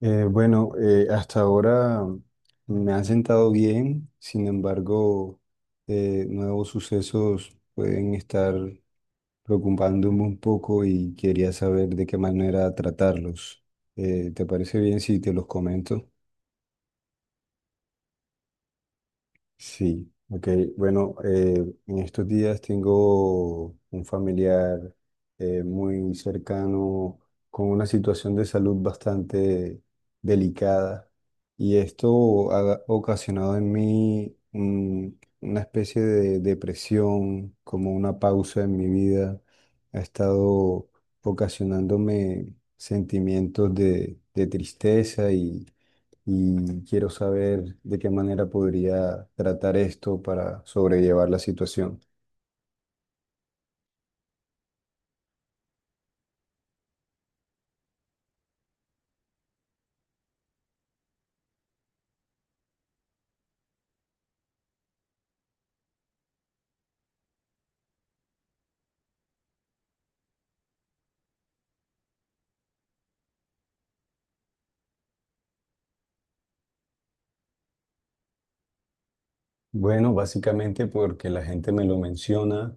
Bueno, hasta ahora me han sentado bien. Sin embargo, nuevos sucesos pueden estar preocupándome un poco y quería saber de qué manera tratarlos. ¿te parece bien si te los comento? Sí, ok. Bueno, en estos días tengo un familiar muy cercano, con una situación de salud bastante delicada, y esto ha ocasionado en mí, una especie de depresión, como una pausa en mi vida. Ha estado ocasionándome sentimientos de tristeza, y quiero saber de qué manera podría tratar esto para sobrellevar la situación. Bueno, básicamente porque la gente me lo menciona.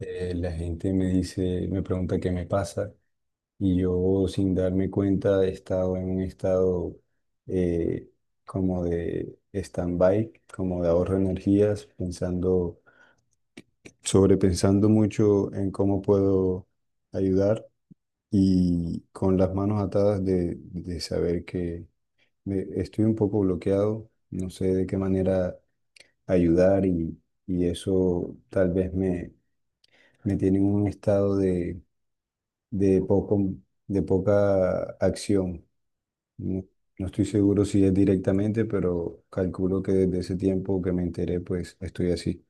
La gente me dice, me pregunta qué me pasa, y yo, sin darme cuenta, he estado en un estado, eh, como de stand-by, como de ahorro de energías, pensando, sobrepensando mucho en cómo puedo ayudar, y con las manos atadas de saber que estoy un poco bloqueado, no sé de qué manera ayudar, y eso tal vez me tiene en un estado de poco, de poca acción. No, no, estoy seguro si es directamente, pero calculo que desde ese tiempo que me enteré, pues estoy así.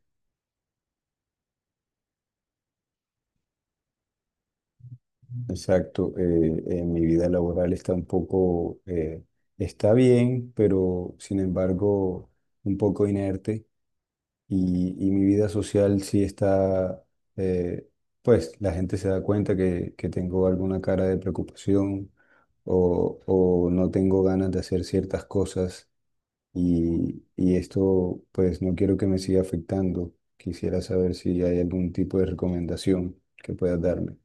Exacto. Mi vida laboral está un poco, está bien, pero sin embargo, un poco inerte. Y mi vida social sí está, eh, pues la gente se da cuenta que tengo alguna cara de preocupación, o no tengo ganas de hacer ciertas cosas, y esto pues no quiero que me siga afectando. Quisiera saber si hay algún tipo de recomendación que puedas darme.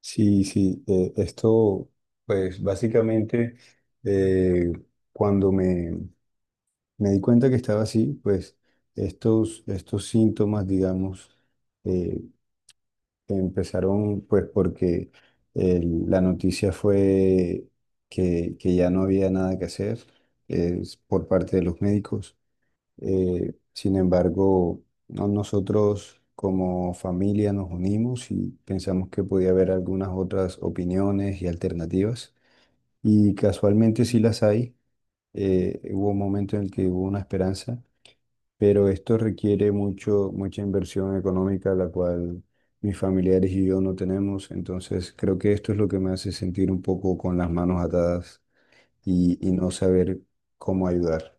Sí, sí. Esto, pues básicamente, eh, cuando me di cuenta que estaba así, pues estos síntomas, digamos, eh, empezaron pues porque la noticia fue que ya no había nada que hacer eh, por parte de los médicos. Sin embargo, nosotros como familia nos unimos y pensamos que podía haber algunas otras opiniones y alternativas. Y casualmente sí las hay. Hubo un momento en el que hubo una esperanza, pero esto requiere mucho, mucha inversión económica, la cual mis familiares y yo no tenemos. Entonces, creo que esto es lo que me hace sentir un poco con las manos atadas y no saber cómo ayudar.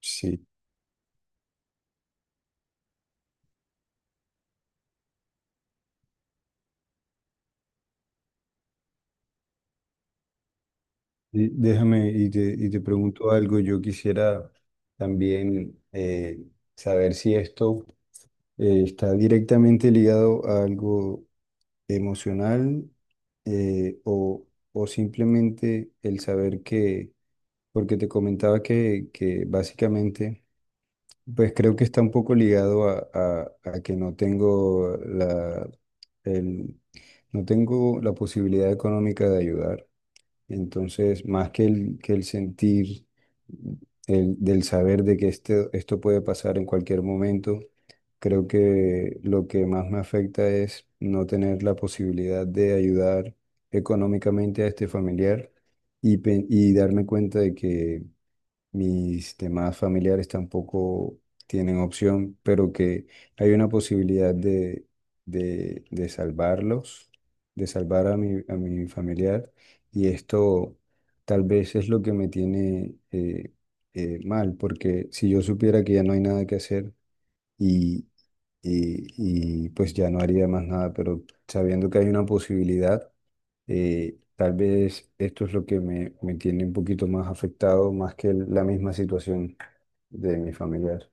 Sí. Y déjame y te pregunto algo. Yo quisiera también, saber si esto está directamente ligado a algo emocional, eh, o, o simplemente el saber que, porque te comentaba que básicamente... Pues creo que está un poco ligado a, a que no tengo la, el- no tengo la posibilidad económica de ayudar. Entonces, más que que el sentir del saber de que este, esto puede pasar en cualquier momento, creo que lo que más me afecta es no tener la posibilidad de ayudar económicamente a este familiar, y darme cuenta de que mis demás familiares tampoco tienen opción, pero que hay una posibilidad de salvarlos, de salvar a a mi familiar, y esto tal vez es lo que me tiene, mal, porque si yo supiera que ya no hay nada que hacer, y, y, y pues ya no haría más nada, pero sabiendo que hay una posibilidad, tal vez esto es lo que me tiene un poquito más afectado, más que la misma situación de mi familiar.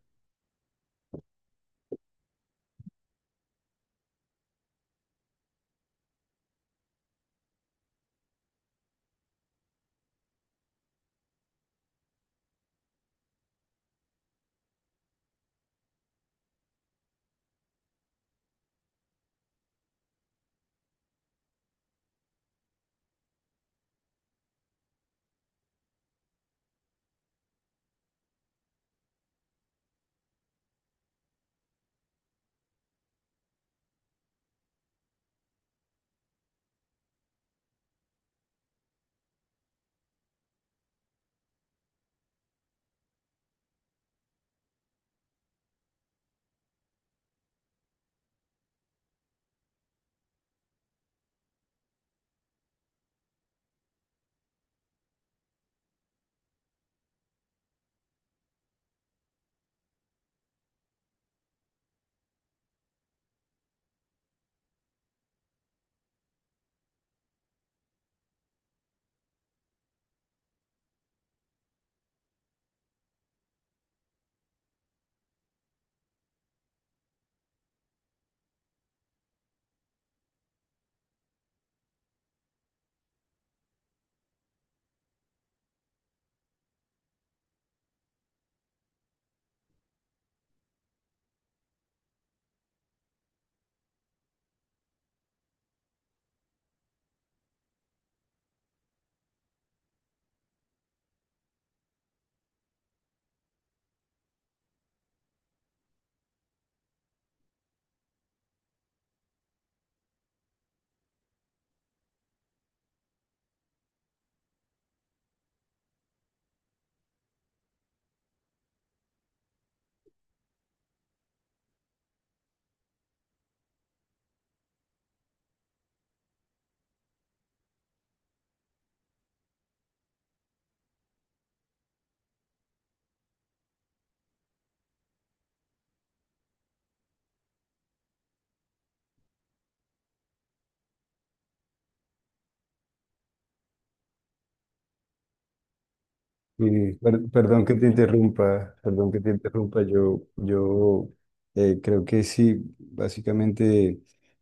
Y perdón que te interrumpa, perdón que te interrumpa, yo creo que sí, básicamente,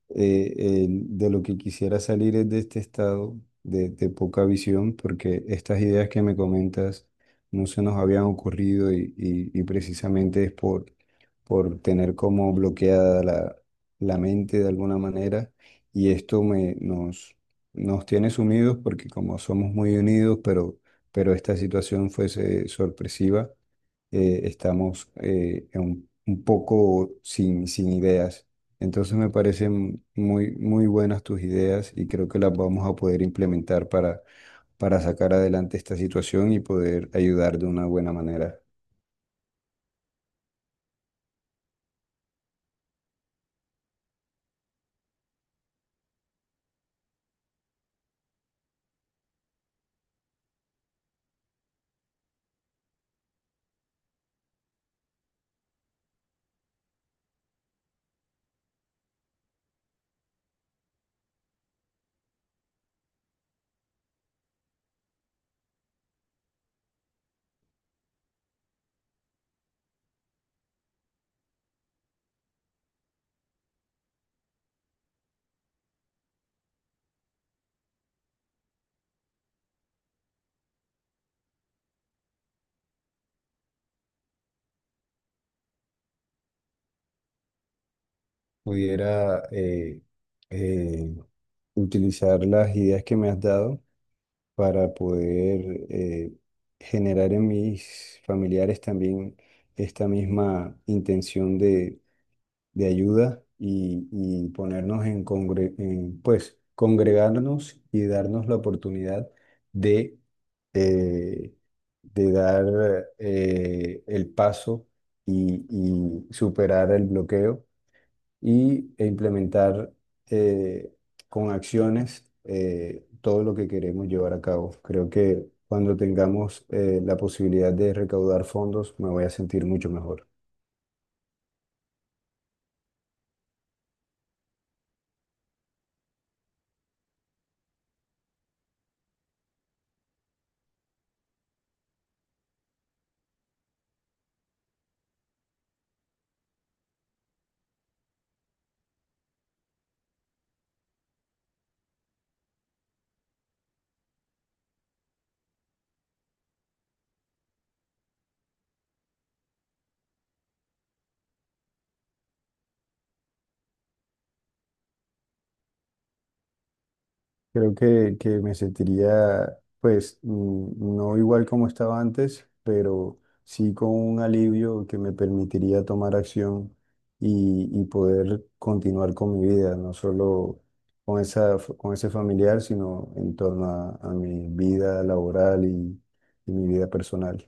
eh, de lo que quisiera salir es de este estado de poca visión, porque estas ideas que me comentas no se nos habían ocurrido, y precisamente es por tener como bloqueada la, la mente de alguna manera, y esto nos tiene sumidos, porque como somos muy unidos, pero esta situación fuese sorpresiva. Estamos, en un poco sin, sin ideas. Entonces me parecen muy, muy buenas tus ideas, y creo que las vamos a poder implementar para sacar adelante esta situación y poder ayudar de una buena manera. Pudiera, eh, utilizar las ideas que me has dado para poder, generar en mis familiares también esta misma intención de ayuda, y ponernos en, pues, congregarnos y darnos la oportunidad de, eh, de dar, el paso, y, y superar el bloqueo, y, e implementar, eh, con acciones, todo lo que queremos llevar a cabo. Creo que cuando tengamos, la posibilidad de recaudar fondos, me voy a sentir mucho mejor. Creo que me sentiría, pues, no igual como estaba antes, pero sí con un alivio que me permitiría tomar acción, y poder continuar con mi vida, no solo con esa, con ese familiar, sino en torno a mi vida laboral y mi vida personal.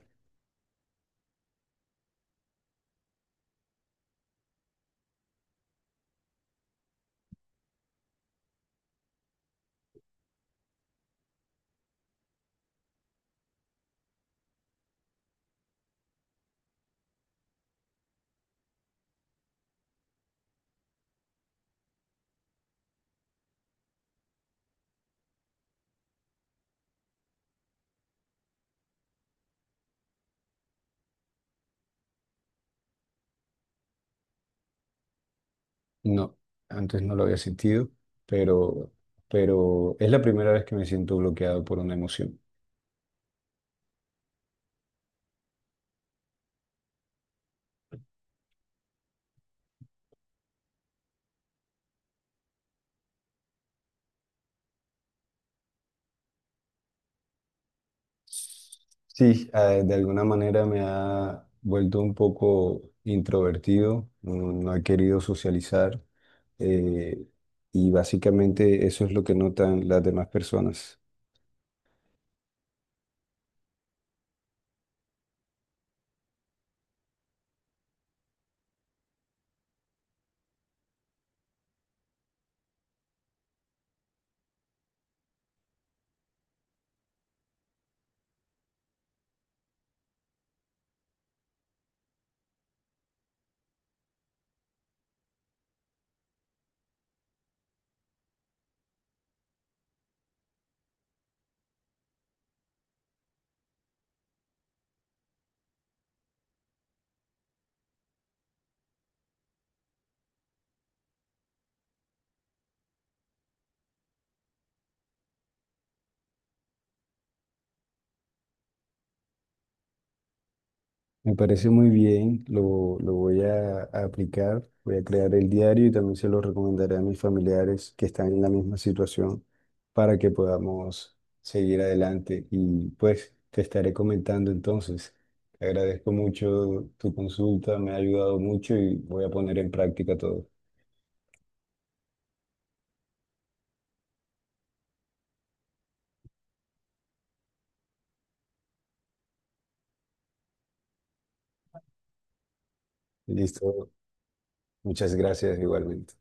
No, antes no lo había sentido, pero, pero es la primera vez que me siento bloqueado por una emoción. Sí, de alguna manera me ha vuelto un poco introvertido, no he querido socializar, eh, y básicamente eso es lo que notan las demás personas. Me parece muy bien, lo voy a aplicar, voy a crear el diario y también se lo recomendaré a mis familiares que están en la misma situación, para que podamos seguir adelante, y pues te estaré comentando entonces. Te agradezco mucho tu consulta, me ha ayudado mucho, y voy a poner en práctica todo. Listo, muchas gracias igualmente.